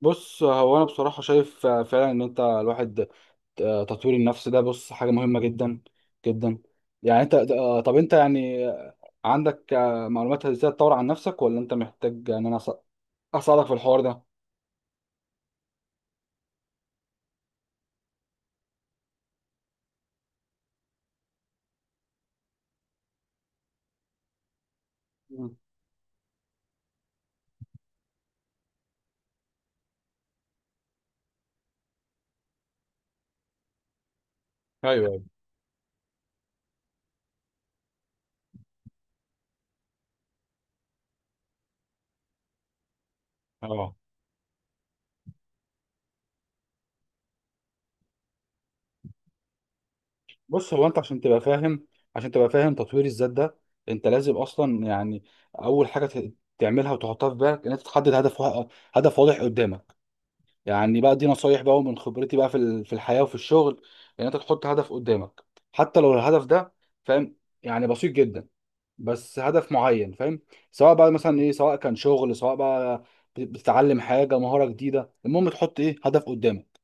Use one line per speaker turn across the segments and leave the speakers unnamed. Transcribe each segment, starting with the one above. بص، هو انا بصراحه شايف فعلا ان انت الواحد، تطوير النفس ده بص حاجه مهمه جدا جدا. يعني انت، طب انت يعني عندك معلومات ازاي تطور عن نفسك، ولا انت محتاج ان انا اساعدك في الحوار ده؟ مم. ايوه، ايوه. اه، بص، هو انت عشان تبقى فاهم، عشان تبقى فاهم تطوير الذات ده، انت لازم اصلا يعني اول حاجه تعملها وتحطها في بالك ان انت تحدد هدف هدف واضح قدامك. يعني بقى دي نصايح بقى، ومن خبرتي بقى في الحياة وفي الشغل، ان انت تحط هدف قدامك. حتى لو الهدف ده فاهم، يعني بسيط جدا، بس هدف معين فاهم. سواء بقى مثلا ايه، سواء كان شغل، سواء بقى بتتعلم حاجة، مهارة جديدة، المهم تحط ايه هدف قدامك.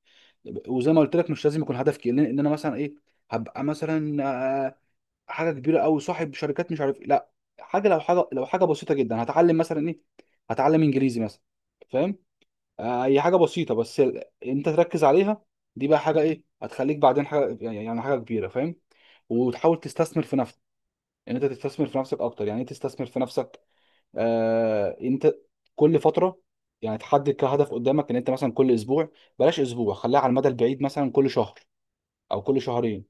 وزي ما قلت لك مش لازم يكون هدف كبير، لان إن انا مثلا ايه هبقى مثلا آه، حاجة كبيرة أوي، صاحب شركات، مش عارف إيه. لا، حاجة، لو حاجة، لو حاجة بسيطة جدا، هتعلم مثلا ايه، هتعلم انجليزي مثلا فاهم. اي حاجه بسيطه، بس انت تركز عليها. دي بقى حاجه ايه هتخليك بعدين حاجه، يعني يعني حاجه كبيره فاهم. وتحاول تستثمر في نفسك، ان انت تستثمر في نفسك اكتر. يعني ايه تستثمر في نفسك؟ آه انت كل فتره يعني تحدد كهدف قدامك ان انت مثلا كل اسبوع، بلاش اسبوع، خليها على المدى البعيد، مثلا كل شهر او كل شهرين،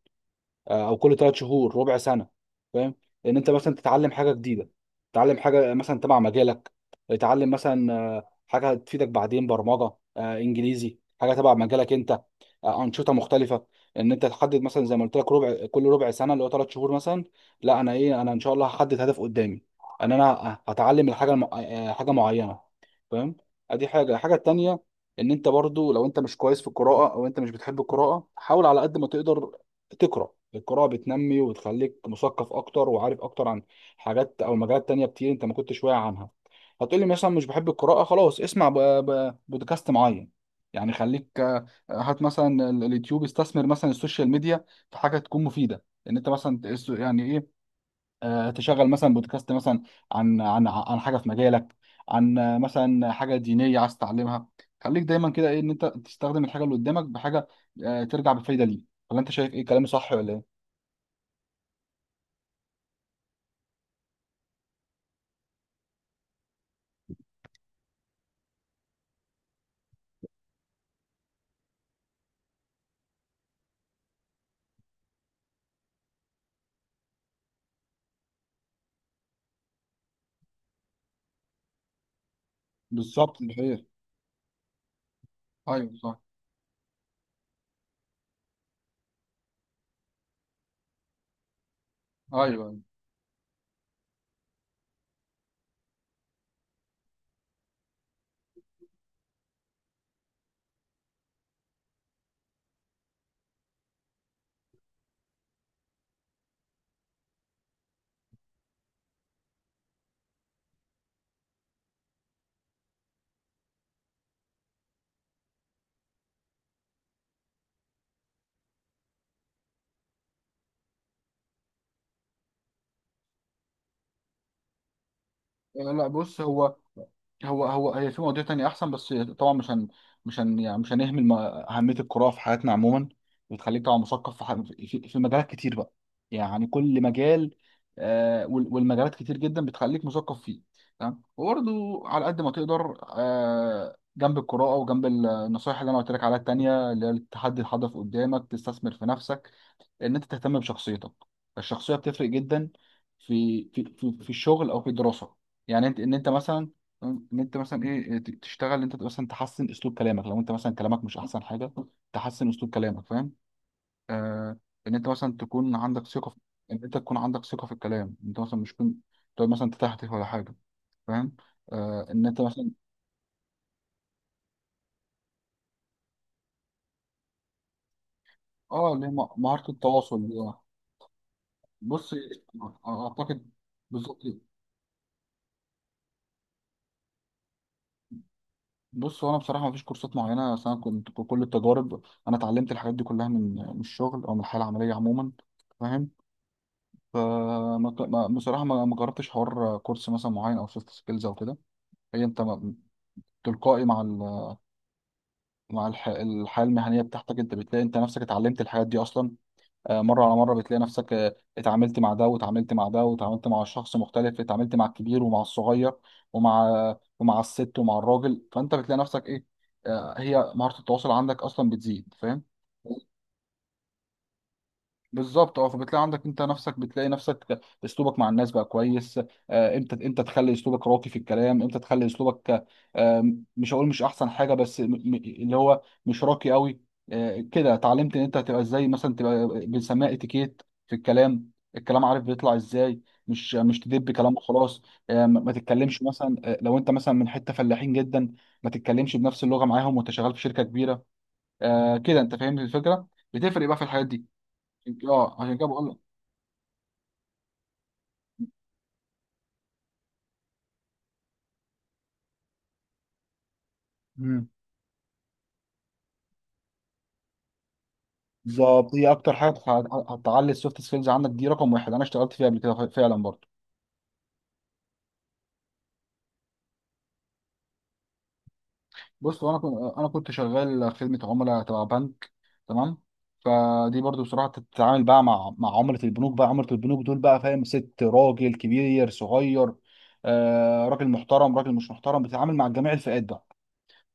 او كل 3 شهور، ربع سنه فاهم، ان انت مثلا تتعلم حاجه جديده، تتعلم حاجه مثلا تبع مجالك، تتعلم مثلا حاجه تفيدك بعدين، برمجه، انجليزي، حاجه تبع مجالك انت، انشطه مختلفه. ان انت تحدد مثلا زي ما قلت لك ربع، كل ربع سنه اللي هو 3 شهور مثلا. لا انا ايه، انا ان شاء الله هحدد هدف قدامي ان انا هتعلم الحاجه الم... حاجه معينه فاهم. ادي حاجه. الحاجه التانيه ان انت برضو لو انت مش كويس في القراءه، او انت مش بتحب القراءه، حاول على قد ما تقدر تقرا. القراءة بتنمي وبتخليك مثقف أكتر وعارف أكتر عن حاجات أو مجالات تانية كتير أنت ما كنتش واعي عنها. هتقولي مثلا مش بحب القراءة، خلاص اسمع بودكاست معين. يعني خليك هات مثلا اليوتيوب، استثمر مثلا السوشيال ميديا في حاجة تكون مفيدة، إن أنت مثلا يعني إيه، تشغل مثلا بودكاست مثلا عن حاجة في مجالك، عن مثلا حاجة دينية عايز تتعلمها. خليك دايما كده إيه، إن أنت تستخدم الحاجة اللي قدامك بحاجة ترجع بفايدة ليك. ولا أنت شايف إيه، كلامي صح ولا إيه؟ بالظبط الحقيقة. ايوه صح. ايوه. أيوة. لا، بص هو، هو هي في مواضيع تانية أحسن، بس طبعا مش هن، يعني مش هنهمل أهمية القراءة في حياتنا عموما. بتخليك طبعا مثقف في مجالات كتير بقى، يعني كل مجال، والمجالات كتير جدا بتخليك مثقف فيه. تمام. وبرضه على قد ما تقدر، جنب القراءة وجنب النصائح اللي أنا قلت لك عليها التانية، اللي هي التحدي، الحدث قدامك، تستثمر في نفسك، إن أنت تهتم بشخصيتك. الشخصية بتفرق جدا في في, الشغل أو في الدراسة. يعني انت ان انت مثلا، ان انت مثلا ايه، إيه، تشتغل انت مثلا تحسن اسلوب كلامك. لو انت مثلا كلامك مش احسن حاجه، تحسن اسلوب كلامك فاهم. آه ان انت مثلا تكون عندك ثقه في... ان انت تكون عندك ثقه في الكلام، انت مثلا مش تكون تقعد مثلا تتهته ولا حاجه فاهم. ان انت مثلا، اه، اللي هي مهاره التواصل دي. اه، بص، اعتقد، بالظبط. بص هو انا بصراحه ما فيش كورسات معينه، بس انا كنت كل التجارب، انا اتعلمت الحاجات دي كلها من الشغل او من الحياه العمليه عموما فاهم. فما بصراحة ما جربتش حوار كورس مثلا معين أو سوفت سكيلز أو كده. هي أنت ما- تلقائي مع مع الحياة المهنية بتاعتك، أنت بتلاقي أنت نفسك اتعلمت الحاجات دي أصلا. مرة على مرة بتلاقي نفسك، اتعاملت مع ده، واتعاملت مع ده، واتعاملت مع شخص مختلف، اتعاملت مع الكبير ومع الصغير، ومع ومع الست ومع الراجل. فأنت بتلاقي نفسك إيه، هي مهارة التواصل عندك أصلا بتزيد فاهم. بالظبط. اه. فبتلاقي عندك انت نفسك، بتلاقي نفسك اسلوبك مع الناس بقى كويس. امتى، امتى تخلي اسلوبك راقي في الكلام، امتى تخلي اسلوبك، مش هقول مش احسن حاجه، بس اللي هو مش راقي قوي. كده اتعلمت ان انت هتبقى ازاي، مثلا تبقى بنسميها اتيكيت في الكلام، الكلام عارف بيطلع ازاي، مش تدب كلام وخلاص. ما تتكلمش مثلا، لو انت مثلا من حته فلاحين جدا، ما تتكلمش بنفس اللغه معاهم وانت شغال في شركه كبيره. كده انت فاهم الفكره، بتفرق بقى في الحاجات دي. اه عشان كده بقول لك. مم. بالظبط، هي اكتر حاجه هتعلي السوفت سكيلز عندك دي رقم واحد. انا اشتغلت فيها قبل كده، فعلا برضه. بص انا كنت، انا كنت شغال خدمه عملاء تبع بنك. تمام. فدي برضه بصراحه تتعامل بقى مع عملاء البنوك بقى، عملاء البنوك دول بقى فاهم، ست، راجل، كبير، صغير، آه، راجل محترم، راجل مش محترم، بتتعامل مع جميع الفئات بقى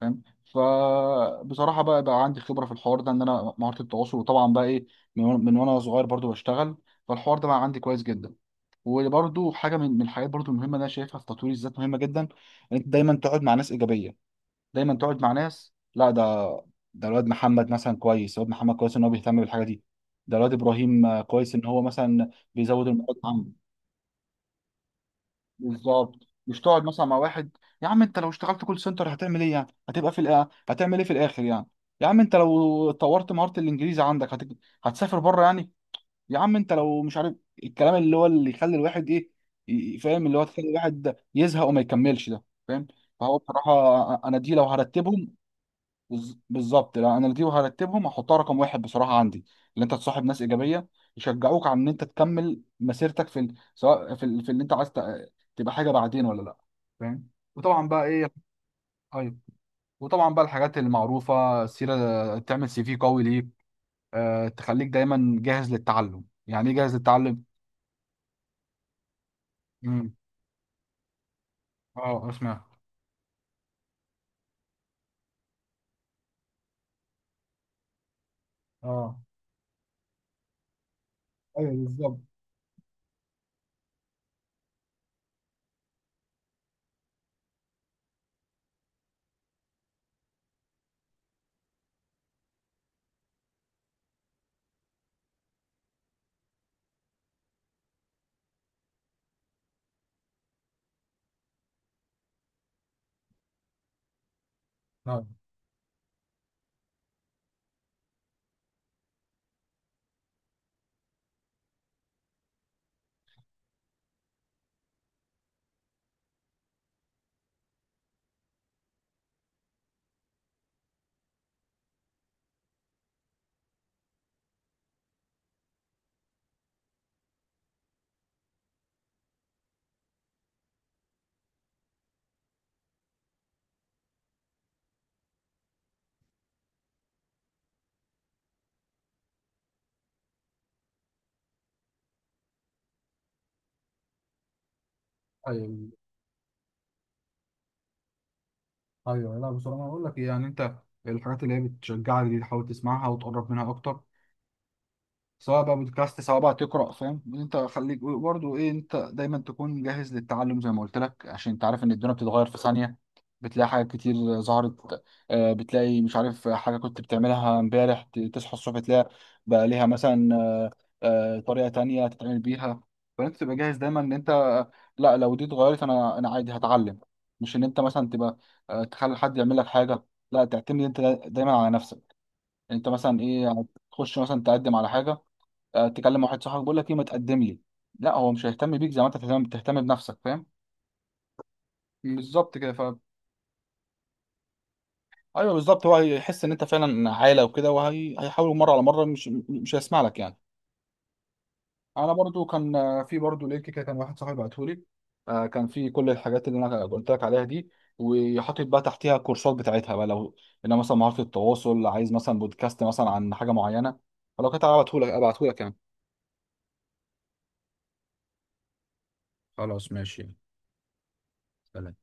فاهم. فبصراحه بقى عندي خبره في الحوار ده، ان انا مهاره التواصل، وطبعا بقى ايه، من وانا صغير برضو بشتغل، فالحوار ده بقى عندي كويس جدا. وبرضو حاجه من الحاجات برضو المهمه اللي انا شايفها في تطوير الذات، مهمه جدا، ان انت دايما تقعد مع ناس ايجابيه. دايما تقعد مع ناس، لا، ده، ده الواد محمد مثلا كويس، الواد محمد كويس ان هو بيهتم بالحاجه دي، ده الواد ابراهيم كويس ان هو مثلا بيزود المواد. بالظبط. مش تقعد مثلا مع واحد، يا عم انت لو اشتغلت كول سنتر هتعمل ايه يعني، هتبقى في الآ... هتعمل ايه في الاخر يعني، يا عم انت لو طورت مهارة الانجليزي عندك هت... هتسافر بره يعني، يا عم انت لو مش عارف، الكلام اللي هو اللي يخلي الواحد ايه، فاهم، اللي هو تخلي الواحد يزهق وما يكملش ده فاهم. فهو بصراحة انا دي لو هرتبهم، بالظبط، لا انا دي وهرتبهم هحطها رقم واحد بصراحه عندي، اللي انت تصاحب ناس ايجابيه يشجعوك على ان انت تكمل مسيرتك في ال... سواء في اللي انت عايز تبقى حاجه بعدين ولا لا فاهم. وطبعا بقى ايه. ايوه. وطبعا بقى الحاجات المعروفه، سيره تعمل سي في قوي ليك، أه... تخليك دايما جاهز للتعلم. يعني ايه جاهز للتعلم. امم. اه اسمع. اه. ايوه بالظبط. لا. ايوه، ايوه. لا بصراحه انا اقول لك إيه، يعني انت الحاجات اللي هي بتشجعك دي تحاول تسمعها وتقرب منها اكتر، سواء بقى بودكاست سواء بقى تقرا فاهم. انت خليك برضو ايه، انت دايما تكون جاهز للتعلم زي ما قلت لك، عشان انت عارف ان الدنيا بتتغير في ثانيه، بتلاقي حاجات كتير ظهرت، بتلاقي مش عارف حاجه كنت بتعملها امبارح، تصحى الصبح تلاقي بقى ليها مثلا طريقه تانية تتعمل بيها. فانت تبقى جاهز دايما ان انت، لا لو دي اتغيرت انا عادي هتعلم. مش ان انت مثلا تبقى تخلي حد يعمل لك حاجه، لا تعتمد انت دايما على نفسك. انت مثلا ايه هتخش مثلا تقدم على حاجه، تكلم واحد صاحبك بيقول لك ايه ما تقدم لي، لا هو مش هيهتم بيك زي ما انت تهتم، بنفسك فاهم. بالظبط كده ف. ايوه بالظبط، هو هيحس ان انت فعلا عاله وكده، وهيحاول مره على مره، مش هيسمع لك يعني. انا برضو كان في برضو لينك كده كان واحد صاحبي بعته لي، كان في كل الحاجات اللي انا قلت لك عليها دي، وحاطط بقى تحتيها الكورسات بتاعتها بقى، لو انا مثلا مهاره التواصل عايز مثلا بودكاست مثلا عن حاجه معينه. فلو كنت هبعته لك ابعته لك يعني. خلاص ماشي. سلام.